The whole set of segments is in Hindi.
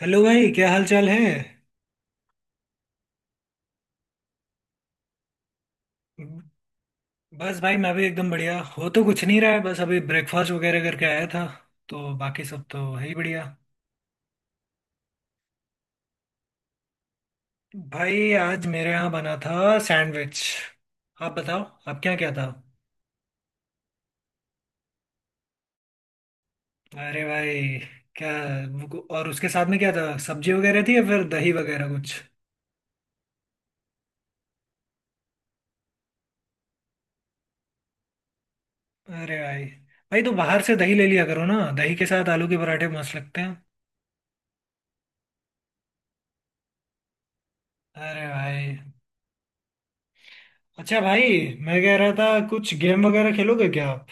हेलो भाई, क्या हाल चाल है। बस भाई मैं भी एकदम बढ़िया हो, तो कुछ नहीं रहा है। बस अभी ब्रेकफास्ट वगैरह करके आया था, तो बाकी सब तो है ही बढ़िया। भाई आज मेरे यहाँ बना था सैंडविच। आप बताओ, आप क्या क्या था। अरे भाई, क्या। और उसके साथ में क्या था, सब्जी वगैरह थी या फिर दही वगैरह कुछ। अरे भाई, भाई तो बाहर से दही ले लिया करो ना। दही के साथ आलू के पराठे मस्त लगते हैं। अरे भाई, अच्छा भाई, मैं कह रहा था कुछ गेम वगैरह खेलोगे क्या आप।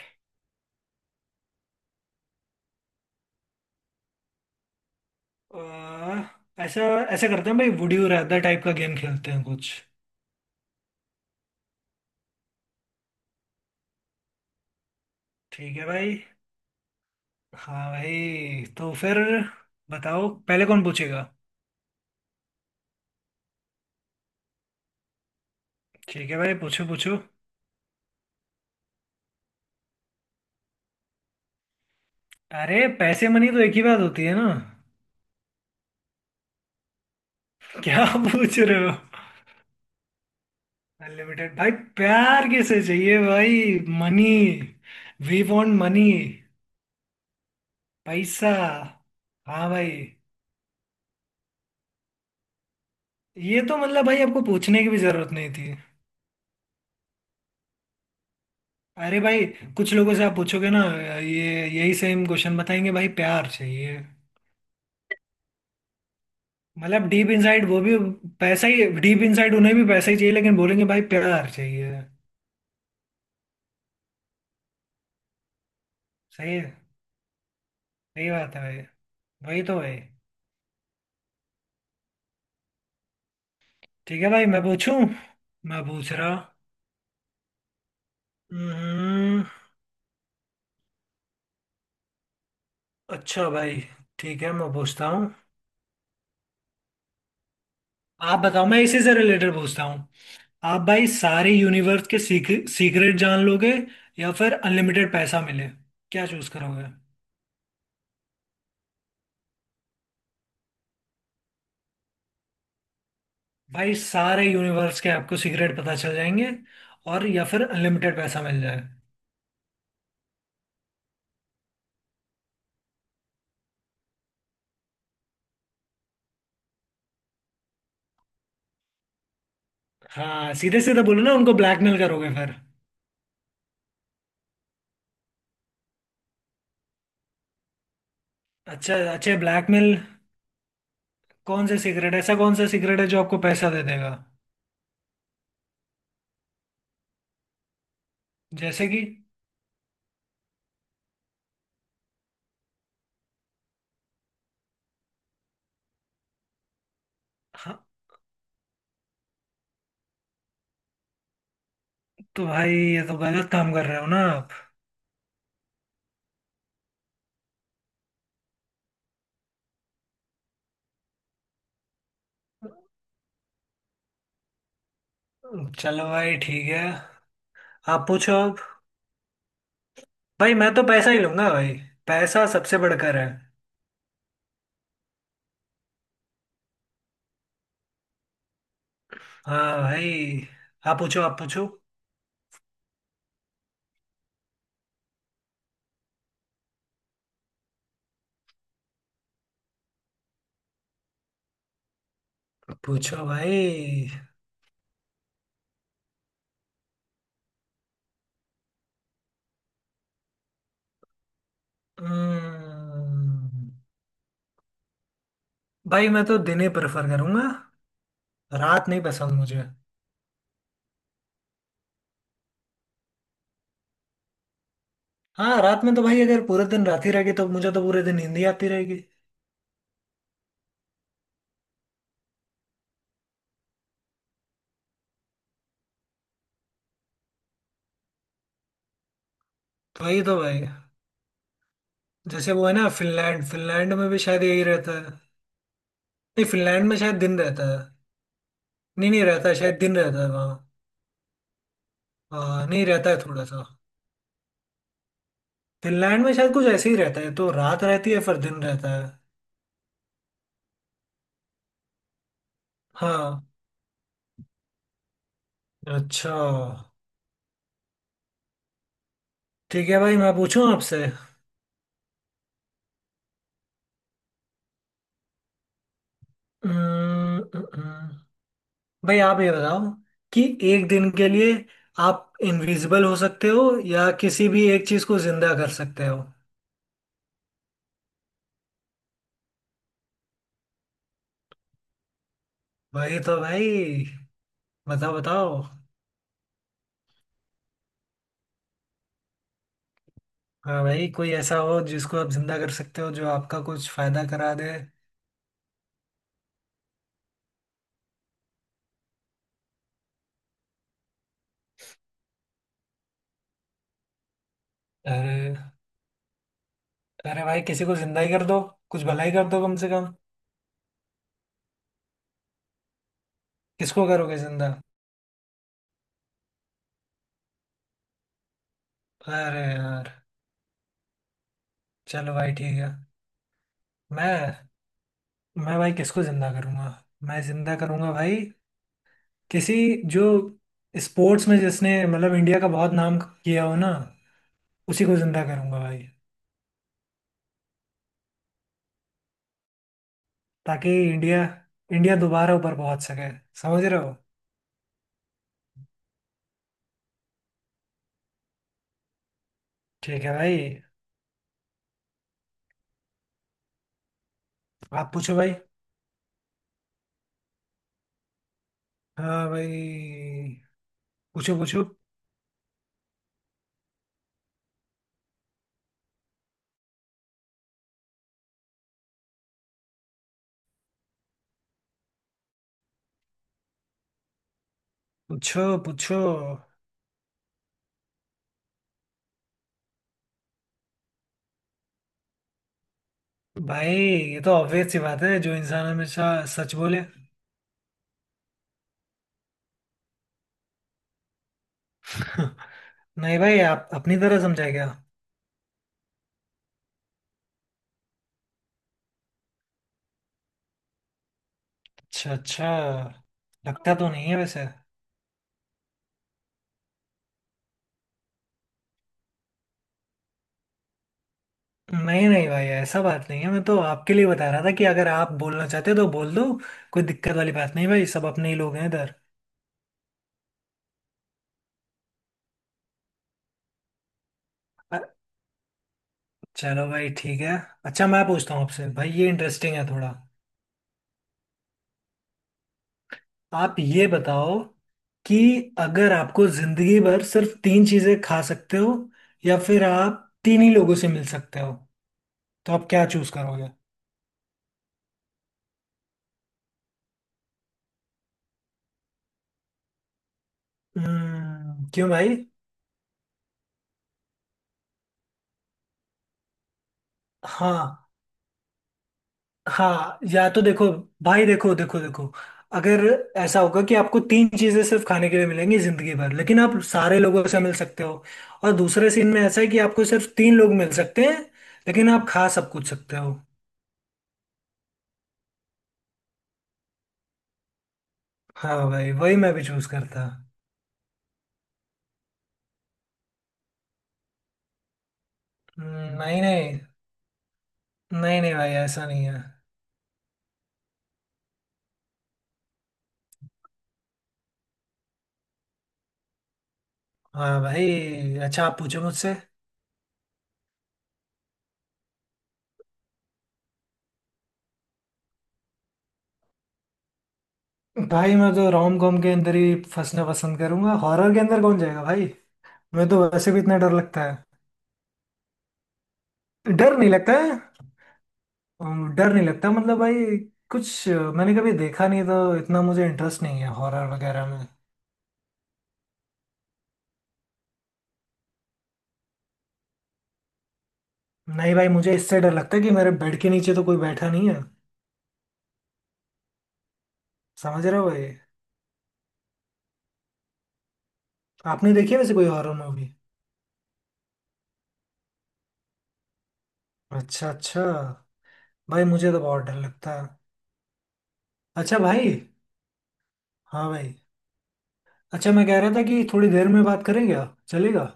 आ, ऐसा ऐसा करते हैं भाई, वुड यू रैदर टाइप का गेम खेलते हैं कुछ। ठीक है भाई। हाँ भाई, तो फिर बताओ पहले कौन पूछेगा। ठीक है भाई, पूछो पूछो। अरे, पैसे मनी तो एक ही बात होती है ना। क्या पूछ रहे हो। अनलिमिटेड भाई। प्यार किसे चाहिए भाई, मनी। We want money. पैसा, हाँ भाई। ये तो मतलब भाई आपको पूछने की भी जरूरत नहीं थी। अरे भाई, कुछ लोगों से आप पूछोगे ना, ये यही सेम क्वेश्चन बताएंगे, भाई प्यार चाहिए। मतलब डीप इनसाइड वो भी पैसा ही, डीप इनसाइड उन्हें भी पैसा ही चाहिए, लेकिन बोलेंगे भाई प्यार चाहिए। सही है। सही बात है भाई। वही तो भाई। ठीक है भाई, मैं पूछूं। मैं पूछ रहा। हम्म। अच्छा भाई, ठीक है मैं पूछता हूँ। आप बताओ, मैं इसी से रिलेटेड पूछता हूँ। आप भाई सारे यूनिवर्स के सीक्रेट जान लोगे या फिर अनलिमिटेड पैसा मिले, क्या चूज करोगे। भाई सारे यूनिवर्स के आपको सीक्रेट पता चल जाएंगे, और या फिर अनलिमिटेड पैसा मिल जाए। हाँ सीधे सीधे बोलो ना, उनको ब्लैकमेल करोगे फिर। अच्छा अच्छा, ब्लैकमेल। कौन से सीक्रेट, ऐसा कौन सा सीक्रेट है जो आपको पैसा दे देगा। जैसे कि। हाँ, तो भाई ये तो गलत काम कर रहे हो ना आप। चलो भाई ठीक है, आप पूछो अब। भाई मैं तो पैसा ही लूंगा भाई, पैसा सबसे बढ़कर है। हाँ भाई, आप पूछो आप पूछो। पूछो भाई। हम्म। भाई मैं तो दिन ही प्रेफर करूंगा, रात नहीं पसंद मुझे। हाँ रात में तो भाई, अगर पूरे दिन रात ही रहेगी तो मुझे तो पूरे दिन नींद ही आती रहेगी। तो वही तो भाई। जैसे वो है ना फिनलैंड, फिनलैंड में भी शायद यही रहता है। नहीं, फिनलैंड में शायद दिन रहता है। नहीं नहीं रहता है, शायद दिन रहता है वहाँ। हाँ, नहीं रहता है थोड़ा सा। फिनलैंड में शायद कुछ ऐसे ही रहता है, तो रात रहती है फिर दिन रहता है। हाँ, अच्छा। ठीक है भाई, मैं पूछूं आपसे। हम्म, हम्म, हम्म। भाई आप ये बताओ, कि एक दिन के लिए आप इनविजिबल हो सकते हो या किसी भी एक चीज को जिंदा कर सकते हो। वही तो भाई, बताओ बताओ। हाँ भाई, कोई ऐसा हो जिसको आप जिंदा कर सकते हो जो आपका कुछ फायदा करा दे। अरे, अरे भाई किसी को जिंदा ही कर दो, कुछ भलाई कर दो कम से कम। किसको करोगे जिंदा। अरे यार, चलो भाई ठीक है। मैं मैं भाई किसको जिंदा करूंगा। मैं जिंदा करूंगा भाई, किसी जो स्पोर्ट्स में जिसने मतलब इंडिया का बहुत नाम किया हो ना, उसी को जिंदा करूंगा भाई। ताकि इंडिया, इंडिया दोबारा ऊपर पहुंच सके, समझ रहे हो। ठीक है भाई, आप पूछो भाई। हाँ भाई, पूछो पूछो पूछो पूछो। भाई ये तो ऑब्वियस सी बात है, जो इंसान हमेशा सच बोले। नहीं भाई, आप अपनी तरह समझाए क्या। अच्छा अच्छा, लगता तो नहीं है वैसे। नहीं नहीं भाई, ऐसा बात नहीं है, मैं तो आपके लिए बता रहा था कि अगर आप बोलना चाहते हो तो बोल दो। कोई दिक्कत वाली बात नहीं भाई, सब अपने ही लोग हैं इधर। अ- चलो भाई ठीक है। अच्छा मैं पूछता हूँ आपसे भाई, ये इंटरेस्टिंग है थोड़ा। आप ये बताओ कि अगर आपको जिंदगी भर सिर्फ तीन चीजें खा सकते हो, या फिर आप तीन ही लोगों से मिल सकते हो, तो आप क्या चूज करोगे। हम्म, क्यों भाई। हाँ हाँ, या तो देखो भाई, देखो देखो देखो, अगर ऐसा होगा कि आपको तीन चीजें सिर्फ खाने के लिए मिलेंगी जिंदगी भर लेकिन आप सारे लोगों से मिल सकते हो, और दूसरे सीन में ऐसा है कि आपको सिर्फ तीन लोग मिल सकते हैं लेकिन आप खा सब कुछ सकते हो। हाँ भाई, वही मैं भी चूज करता। नहीं नहीं, नहीं नहीं भाई ऐसा नहीं है। हाँ भाई, अच्छा आप पूछो मुझसे। भाई मैं तो रोम कॉम के अंदर ही फंसना पसंद करूंगा, हॉरर के अंदर कौन जाएगा भाई। मैं तो वैसे भी इतना डर लगता है। डर नहीं लगता है, डर नहीं लगता मतलब भाई, मैंने कभी देखा नहीं तो इतना मुझे इंटरेस्ट नहीं है हॉरर वगैरह में। नहीं भाई, मुझे इससे डर लगता है कि मेरे बेड के नीचे तो कोई बैठा नहीं है, समझ रहे हो भाई। आपने देखी है वैसे कोई हॉरर मूवी। अच्छा अच्छा। भाई मुझे तो बहुत डर लगता है। अच्छा भाई। हाँ भाई। अच्छा मैं कह रहा था कि थोड़ी देर में बात करें, क्या चलेगा।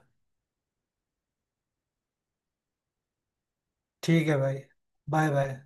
ठीक है भाई, बाय बाय।